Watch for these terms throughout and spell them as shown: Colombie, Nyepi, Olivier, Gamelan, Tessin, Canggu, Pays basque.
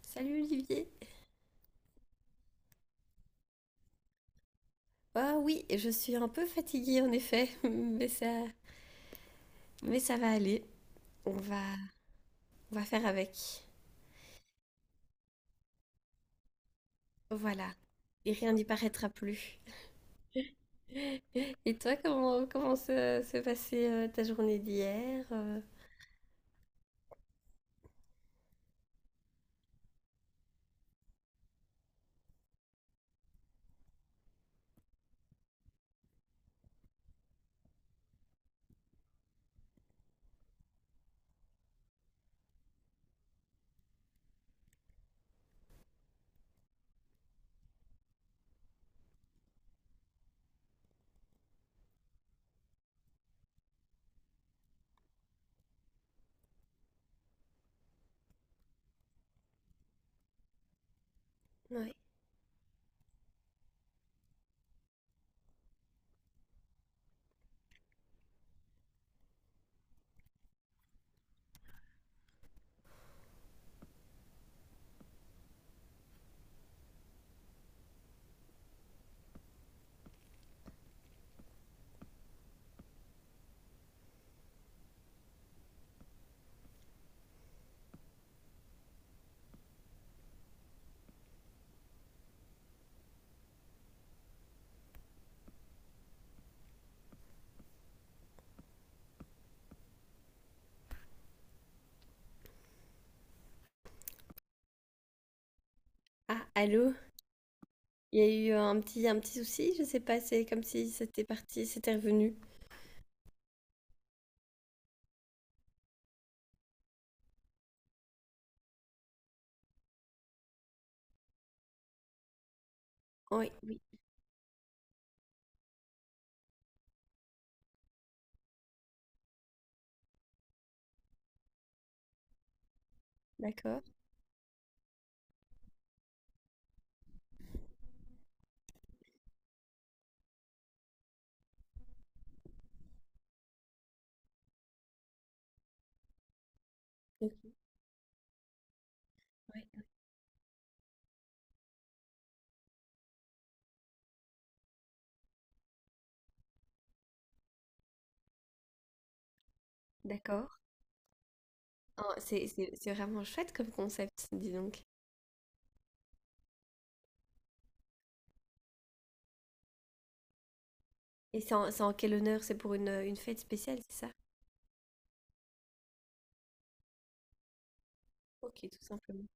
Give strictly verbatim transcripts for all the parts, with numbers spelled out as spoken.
Salut Olivier. Ah oui, je suis un peu fatiguée en effet, mais ça, mais ça va aller. On va, on va faire avec. Voilà. Et rien n'y paraîtra plus. Et toi, comment, comment se, se passait euh, ta journée d'hier? euh Ouais. Ah, allô? Il y a eu un petit, un petit souci, je sais pas, c'est comme si c'était parti, c'était revenu. Oh oui, oui, d'accord. Donc, ouais, d'accord. Ah, c'est, c'est- c'est vraiment chouette comme concept, dis donc. Et c'est en, c'est en quel honneur? C'est pour une, euh, une fête spéciale, c'est ça? Ok, tout simplement.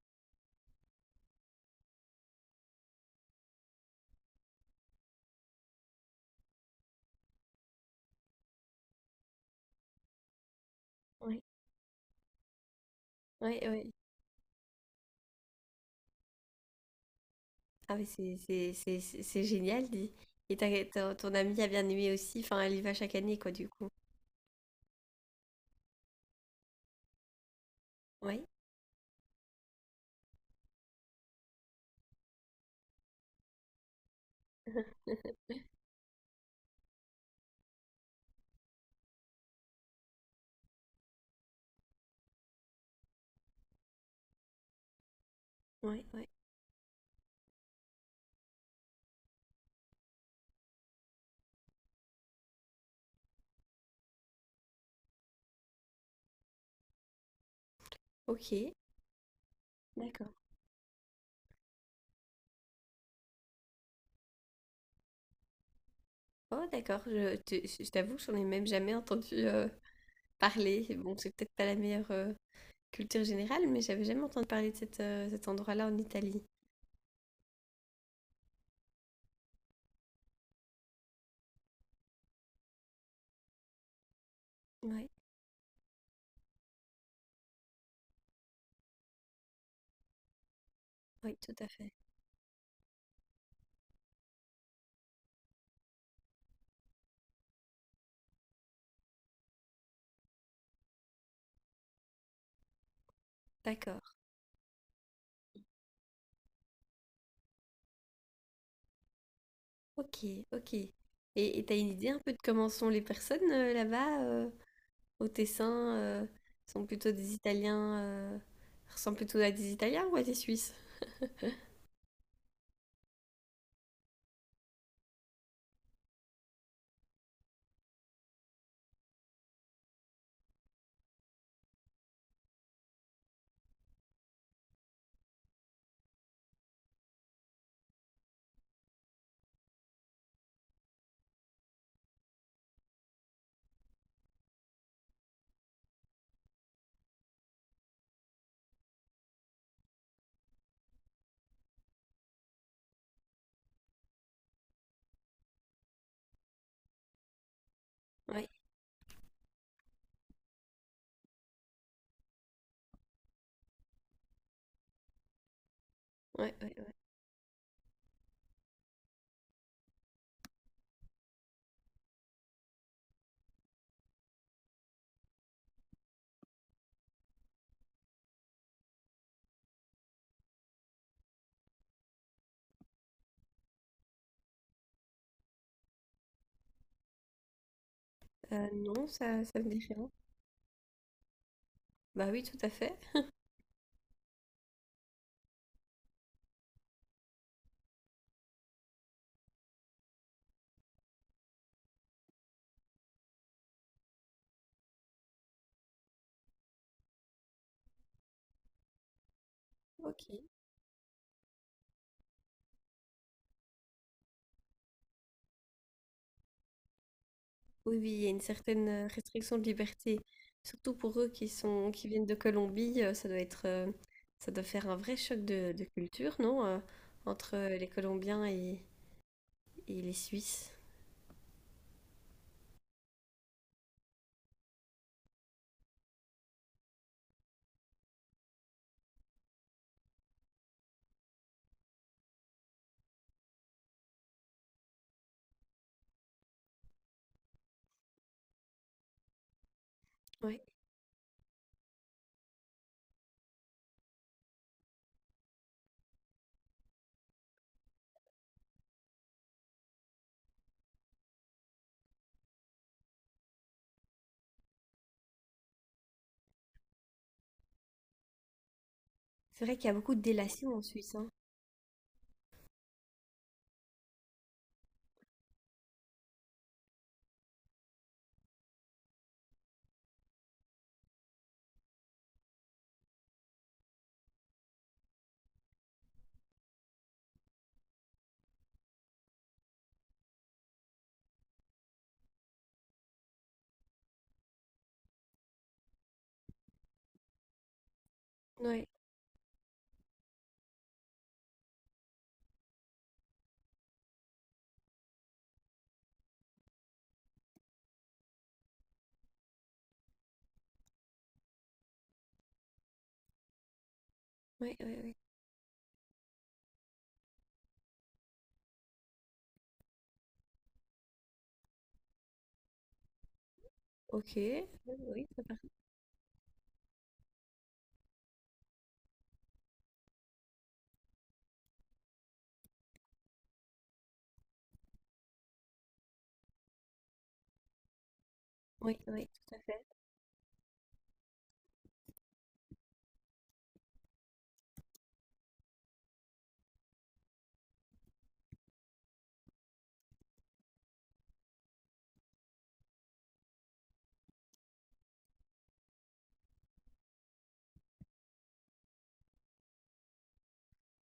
Oui, oui, oui. Ah, mais c'est c'est- c'est- c'est- c'est génial, dis. Et t'as- ton, ton amie a bien aimé aussi. Enfin, elle y va chaque année, quoi, du coup. Oui. Ouais, ouais. Ok, d'accord. Oh, d'accord. Je, te- je t'avoue, j'en ai même jamais entendu euh, parler. Bon, c'est peut-être pas la meilleure euh, culture générale, mais j'avais jamais entendu parler de cette, euh, cet endroit-là en Italie. Oui, oui, tout à fait. D'accord. Ok, ok. Et et t'as une idée un peu de comment sont les personnes euh, là-bas euh, au Tessin euh, sont plutôt des Italiens, euh, ressemblent plutôt à des Italiens ou à des Suisses? Ouais, ouais, ouais, ouais. Euh, non, ça, ça me dit rien. Bah oui, tout à fait. Ok. Oui, oui, il y a une certaine euh, restriction de liberté, surtout pour eux qui sont, qui viennent de Colombie. euh, ça doit être, euh, ça doit faire un vrai choc de, de culture, non? euh, entre euh, les Colombiens et, et les Suisses. Oui, c'est vrai qu'il y a beaucoup de délation en Suisse, Ouais, ouais, ouais, ouais. Ok. Oui, oui, ça- oui, oui, tout à fait.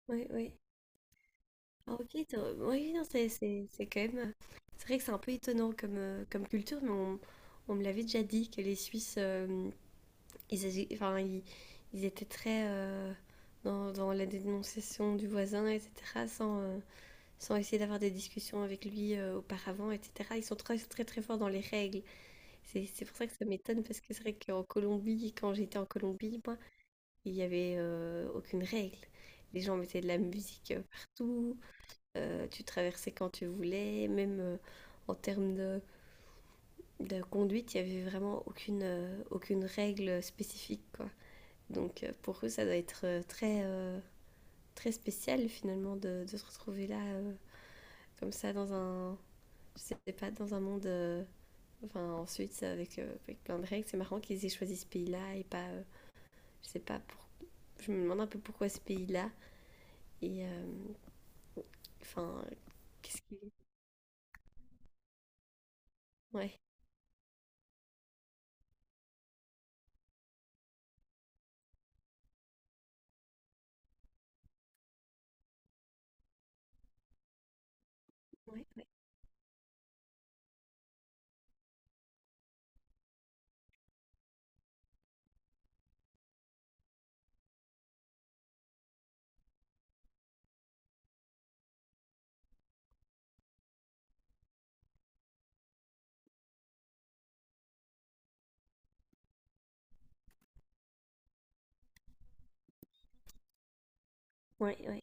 Oui, oui. Ah, ok, t'as- oui, oui, non, c'est c'est- c'est quand même. C'est vrai que c'est un peu étonnant comme, euh, comme culture, mais on, on me l'avait déjà dit que les Suisses, euh, ils, agi- enfin, ils, ils étaient très euh, dans, dans la dénonciation du voisin, et cetera, sans, euh, sans essayer d'avoir des discussions avec lui euh, auparavant, et cetera. Ils sont très, très, très forts dans les règles. C'est c'est pour ça que ça m'étonne, parce que c'est vrai qu'en Colombie, quand j'étais en Colombie, il n'y avait euh, aucune règle. Les gens mettaient de la musique euh, partout, euh, tu traversais quand tu voulais, même euh, en termes de, de conduite, il n'y avait vraiment aucune, euh, aucune règle spécifique, quoi. Donc euh, pour eux, ça doit être euh, très, euh, très spécial finalement de, de se retrouver là, euh, comme ça, dans un, je sais pas, dans un monde... euh, enfin, ensuite, avec, euh, avec plein de règles, c'est marrant qu'ils aient choisi ce pays-là et pas, euh, je sais pas, pour... je me demande un peu pourquoi ce pays-là. Et euh, enfin, euh, qu'est-ce qu'il est? Ouais, ouais, ouais, ouais,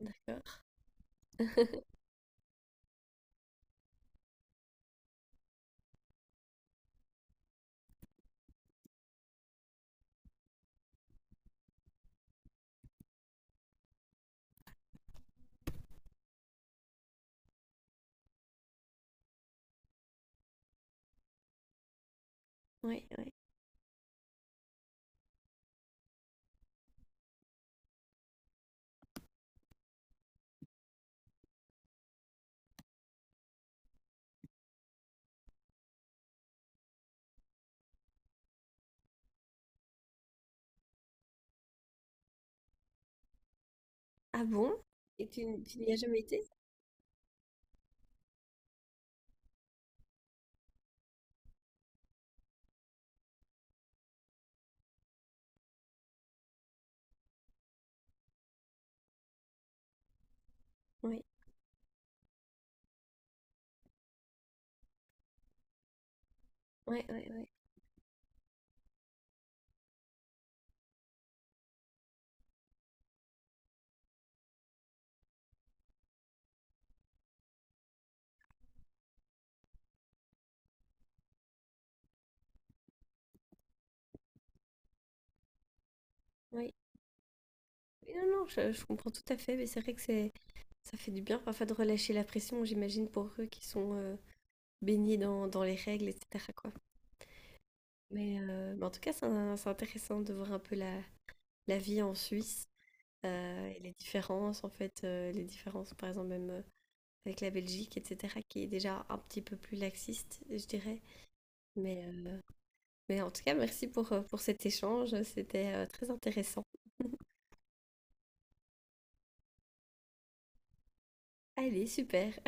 ouais, d'accord. Ouais, ouais. Ah bon? Et tu, n- tu n'y as jamais été? Oui, ouais, ouais, ouais, ouais. Mais non, non, je, je comprends tout à fait, mais c'est vrai que c'est, ça fait du bien parfois de relâcher la pression, j'imagine, pour eux qui sont euh, baignés dans, dans les règles, et cetera, quoi. Mais, euh, mais en tout cas, c'est un- c'est intéressant de voir un peu la, la vie en Suisse euh, et les différences, en fait, euh, les différences, par exemple, même. Euh, avec la Belgique, et cetera, qui est déjà un petit peu plus laxiste, je dirais. Mais, euh, mais en tout cas, merci pour, euh, pour cet échange, c'était euh, très intéressant. Allez, super.